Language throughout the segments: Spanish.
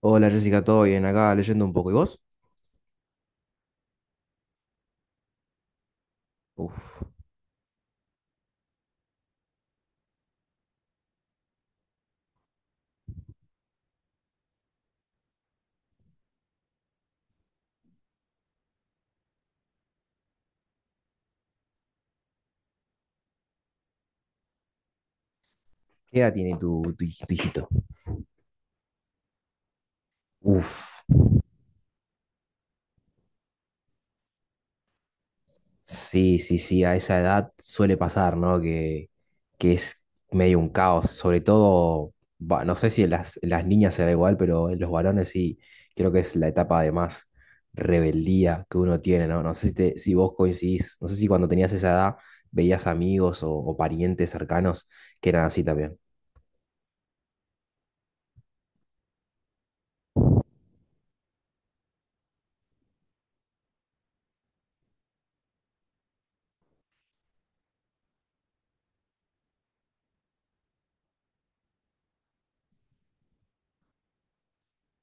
Hola Jessica, ¿todo bien? Acá leyendo un poco. ¿Y vos? Uf. ¿Qué edad tiene tu tu hijito? Uf. Sí, sí, sí, a esa edad suele pasar, ¿no? Que es medio un caos. Sobre todo, va, no sé si en las niñas será igual, pero en los varones sí, creo que es la etapa de más rebeldía que uno tiene, ¿no? No sé si, si vos coincidís, no sé si cuando tenías esa edad veías amigos o parientes cercanos que eran así también.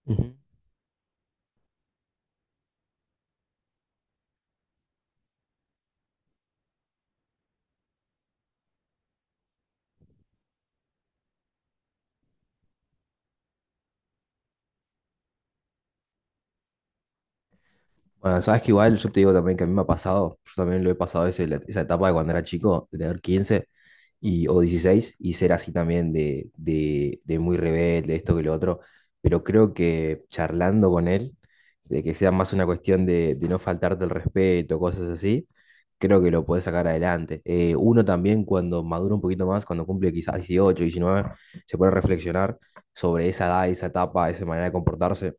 Ujú. Bueno, sabes que igual yo te digo también que a mí me ha pasado, yo también lo he pasado esa etapa de cuando era chico, de tener 15 o 16 y ser así también de muy rebelde, esto que lo otro, pero creo que charlando con él, de que sea más una cuestión de no faltarte el respeto, cosas así, creo que lo podés sacar adelante. Uno también cuando madura un poquito más, cuando cumple quizás 18, 19, se puede reflexionar sobre esa edad, esa etapa, esa manera de comportarse,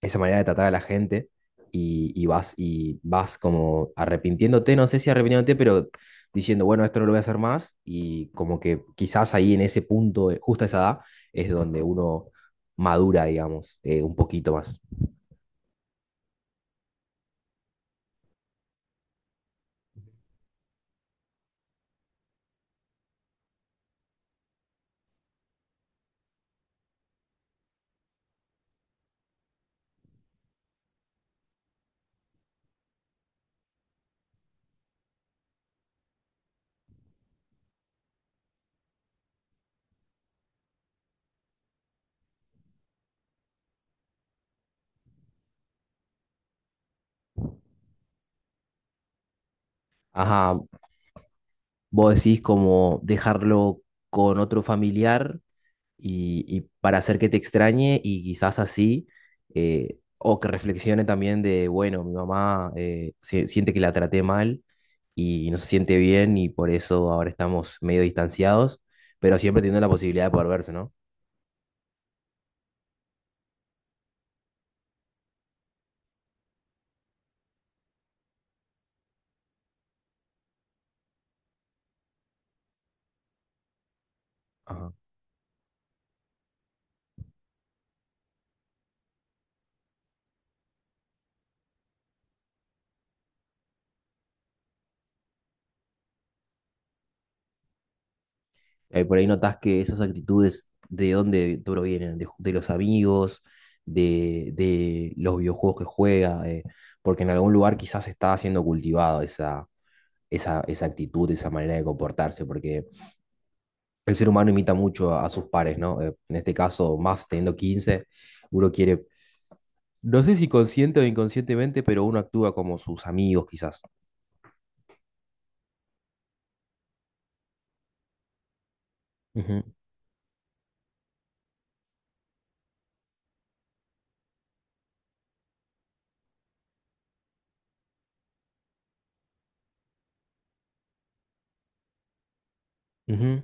esa manera de tratar a la gente y, y vas como arrepintiéndote, no sé si arrepintiéndote, pero diciendo, bueno, esto no lo voy a hacer más y como que quizás ahí en ese punto, justo a esa edad, es donde uno madura, digamos, un poquito más. Ajá, vos decís como dejarlo con otro familiar y para hacer que te extrañe y quizás así, o que reflexione también de, bueno, mi mamá siente que la traté mal y no se siente bien y por eso ahora estamos medio distanciados, pero siempre teniendo la posibilidad de poder verse, ¿no? Ajá. Por ahí notas que esas actitudes de dónde provienen, de los amigos, de los videojuegos que juega, porque en algún lugar quizás está siendo cultivado esa actitud, esa manera de comportarse, porque el ser humano imita mucho a sus pares, ¿no? En este caso, más teniendo 15 uno quiere, no sé si consciente o inconscientemente, pero uno actúa como sus amigos quizás. Ujú, ujú.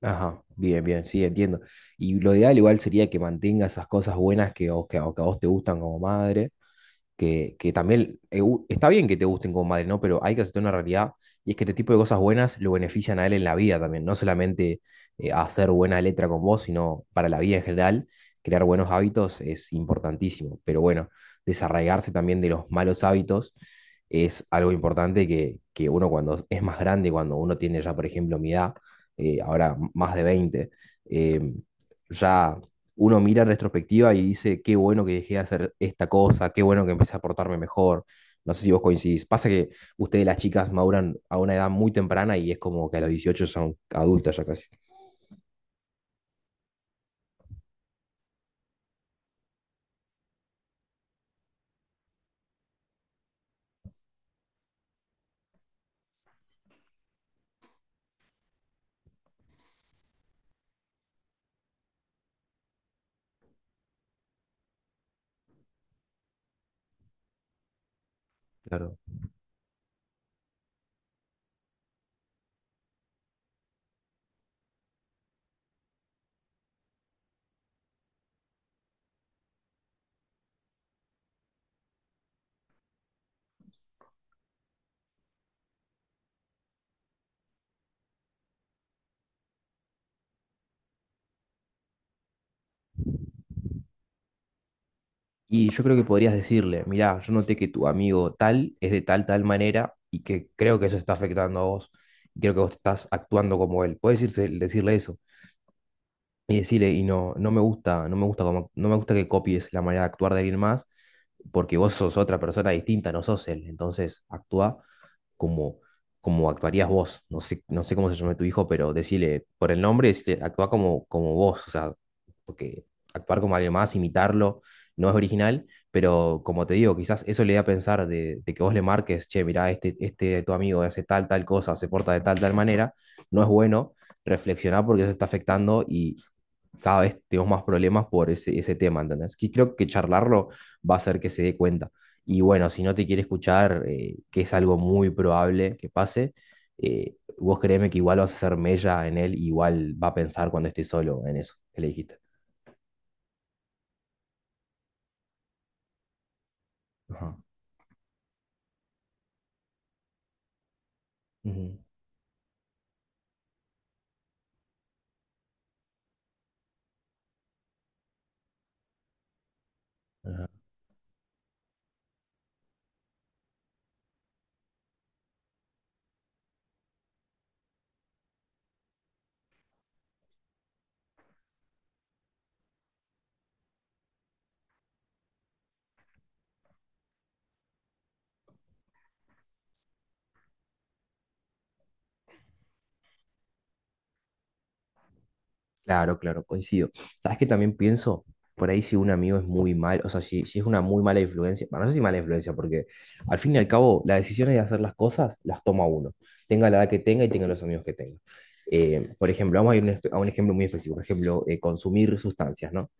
Ajá, bien, bien, sí, entiendo. Y lo ideal igual sería que mantenga esas cosas buenas que a vos te gustan como madre que también está bien que te gusten como madre, ¿no? Pero hay que aceptar una realidad y es que este tipo de cosas buenas lo benefician a él en la vida también, no solamente hacer buena letra con vos, sino para la vida en general, crear buenos hábitos es importantísimo, pero bueno, desarraigarse también de los malos hábitos es algo importante que uno cuando es más grande, cuando uno tiene ya, por ejemplo, mi edad, ahora más de veinte, eh, ya uno mira en retrospectiva y dice, qué bueno que dejé de hacer esta cosa, qué bueno que empecé a portarme mejor. No sé si vos coincidís. Pasa que ustedes las chicas maduran a una edad muy temprana y es como que a los 18 son adultas ya casi. Claro. Y yo creo que podrías decirle, mirá, yo noté que tu amigo tal es de tal manera y que creo que eso está afectando a vos. Y creo que vos estás actuando como él. Puedes decirle eso. Y decirle, no, no me gusta, no me no me gusta que copies la manera de actuar de alguien más, porque vos sos otra persona distinta, no sos él. Entonces, actúa como, como actuarías vos. No sé, no sé cómo se llama tu hijo, pero decirle por el nombre, decirle, actúa como vos, o sea, porque actuar como alguien más, imitarlo, no es original, pero como te digo, quizás eso le da a pensar de que vos le marques, che, mirá, este tu amigo hace tal cosa, se porta de tal manera, no es bueno reflexionar porque eso está afectando y cada vez tenemos más problemas por ese tema, ¿entendés? Que creo que charlarlo va a hacer que se dé cuenta. Y bueno, si no te quiere escuchar, que es algo muy probable que pase, vos créeme que igual vas a hacer mella en él, igual va a pensar cuando esté solo en eso que le dijiste. Ajá. Ujú. Ajá. Claro, claro, coincido. ¿Sabes que también pienso? Por ahí si un amigo es muy mal, o sea, si es una muy mala influencia, bueno, no sé si mala influencia, porque al fin y al cabo las decisiones de hacer las cosas las toma uno, tenga la edad que tenga y tenga los amigos que tenga. Por ejemplo, vamos a ir un a un ejemplo muy específico, por ejemplo, consumir sustancias, ¿no?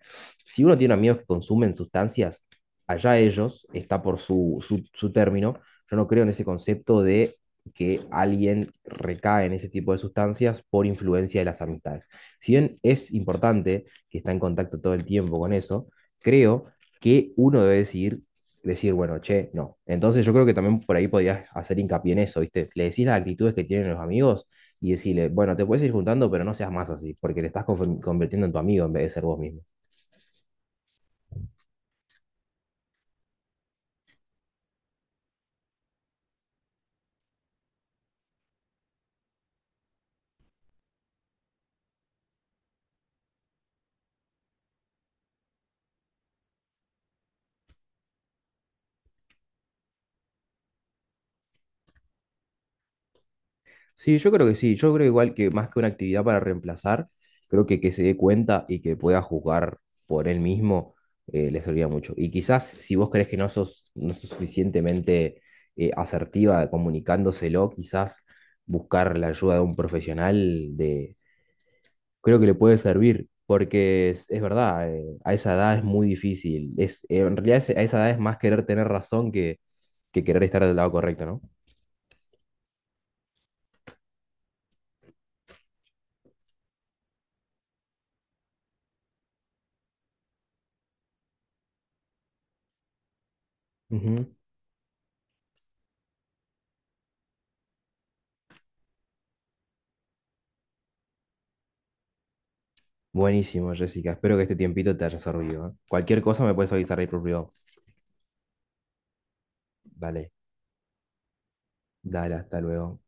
Si uno tiene amigos que consumen sustancias, allá ellos, está por su término, yo no creo en ese concepto de que alguien recae en ese tipo de sustancias por influencia de las amistades. Si bien es importante que está en contacto todo el tiempo con eso, creo que uno debe decidir, decir, bueno, che, no. Entonces yo creo que también por ahí podías hacer hincapié en eso, ¿viste? Le decís las actitudes que tienen los amigos y decirle, bueno, te puedes ir juntando, pero no seas más así, porque te estás convirtiendo en tu amigo en vez de ser vos mismo. Sí, yo creo que sí. Yo creo igual que más que una actividad para reemplazar, creo que se dé cuenta y que pueda jugar por él mismo, le serviría mucho. Y quizás si vos crees que no sos, no sos suficientemente asertiva comunicándoselo, quizás buscar la ayuda de un profesional de, creo que le puede servir, porque es verdad, a esa edad es muy difícil. Es, en realidad a esa edad es más querer tener razón que querer estar del lado correcto, ¿no? Ujú. Buenísimo, Jessica. Espero que este tiempito te haya servido, ¿eh? Cualquier cosa me puedes avisar ahí por privado. Dale, dale, hasta luego.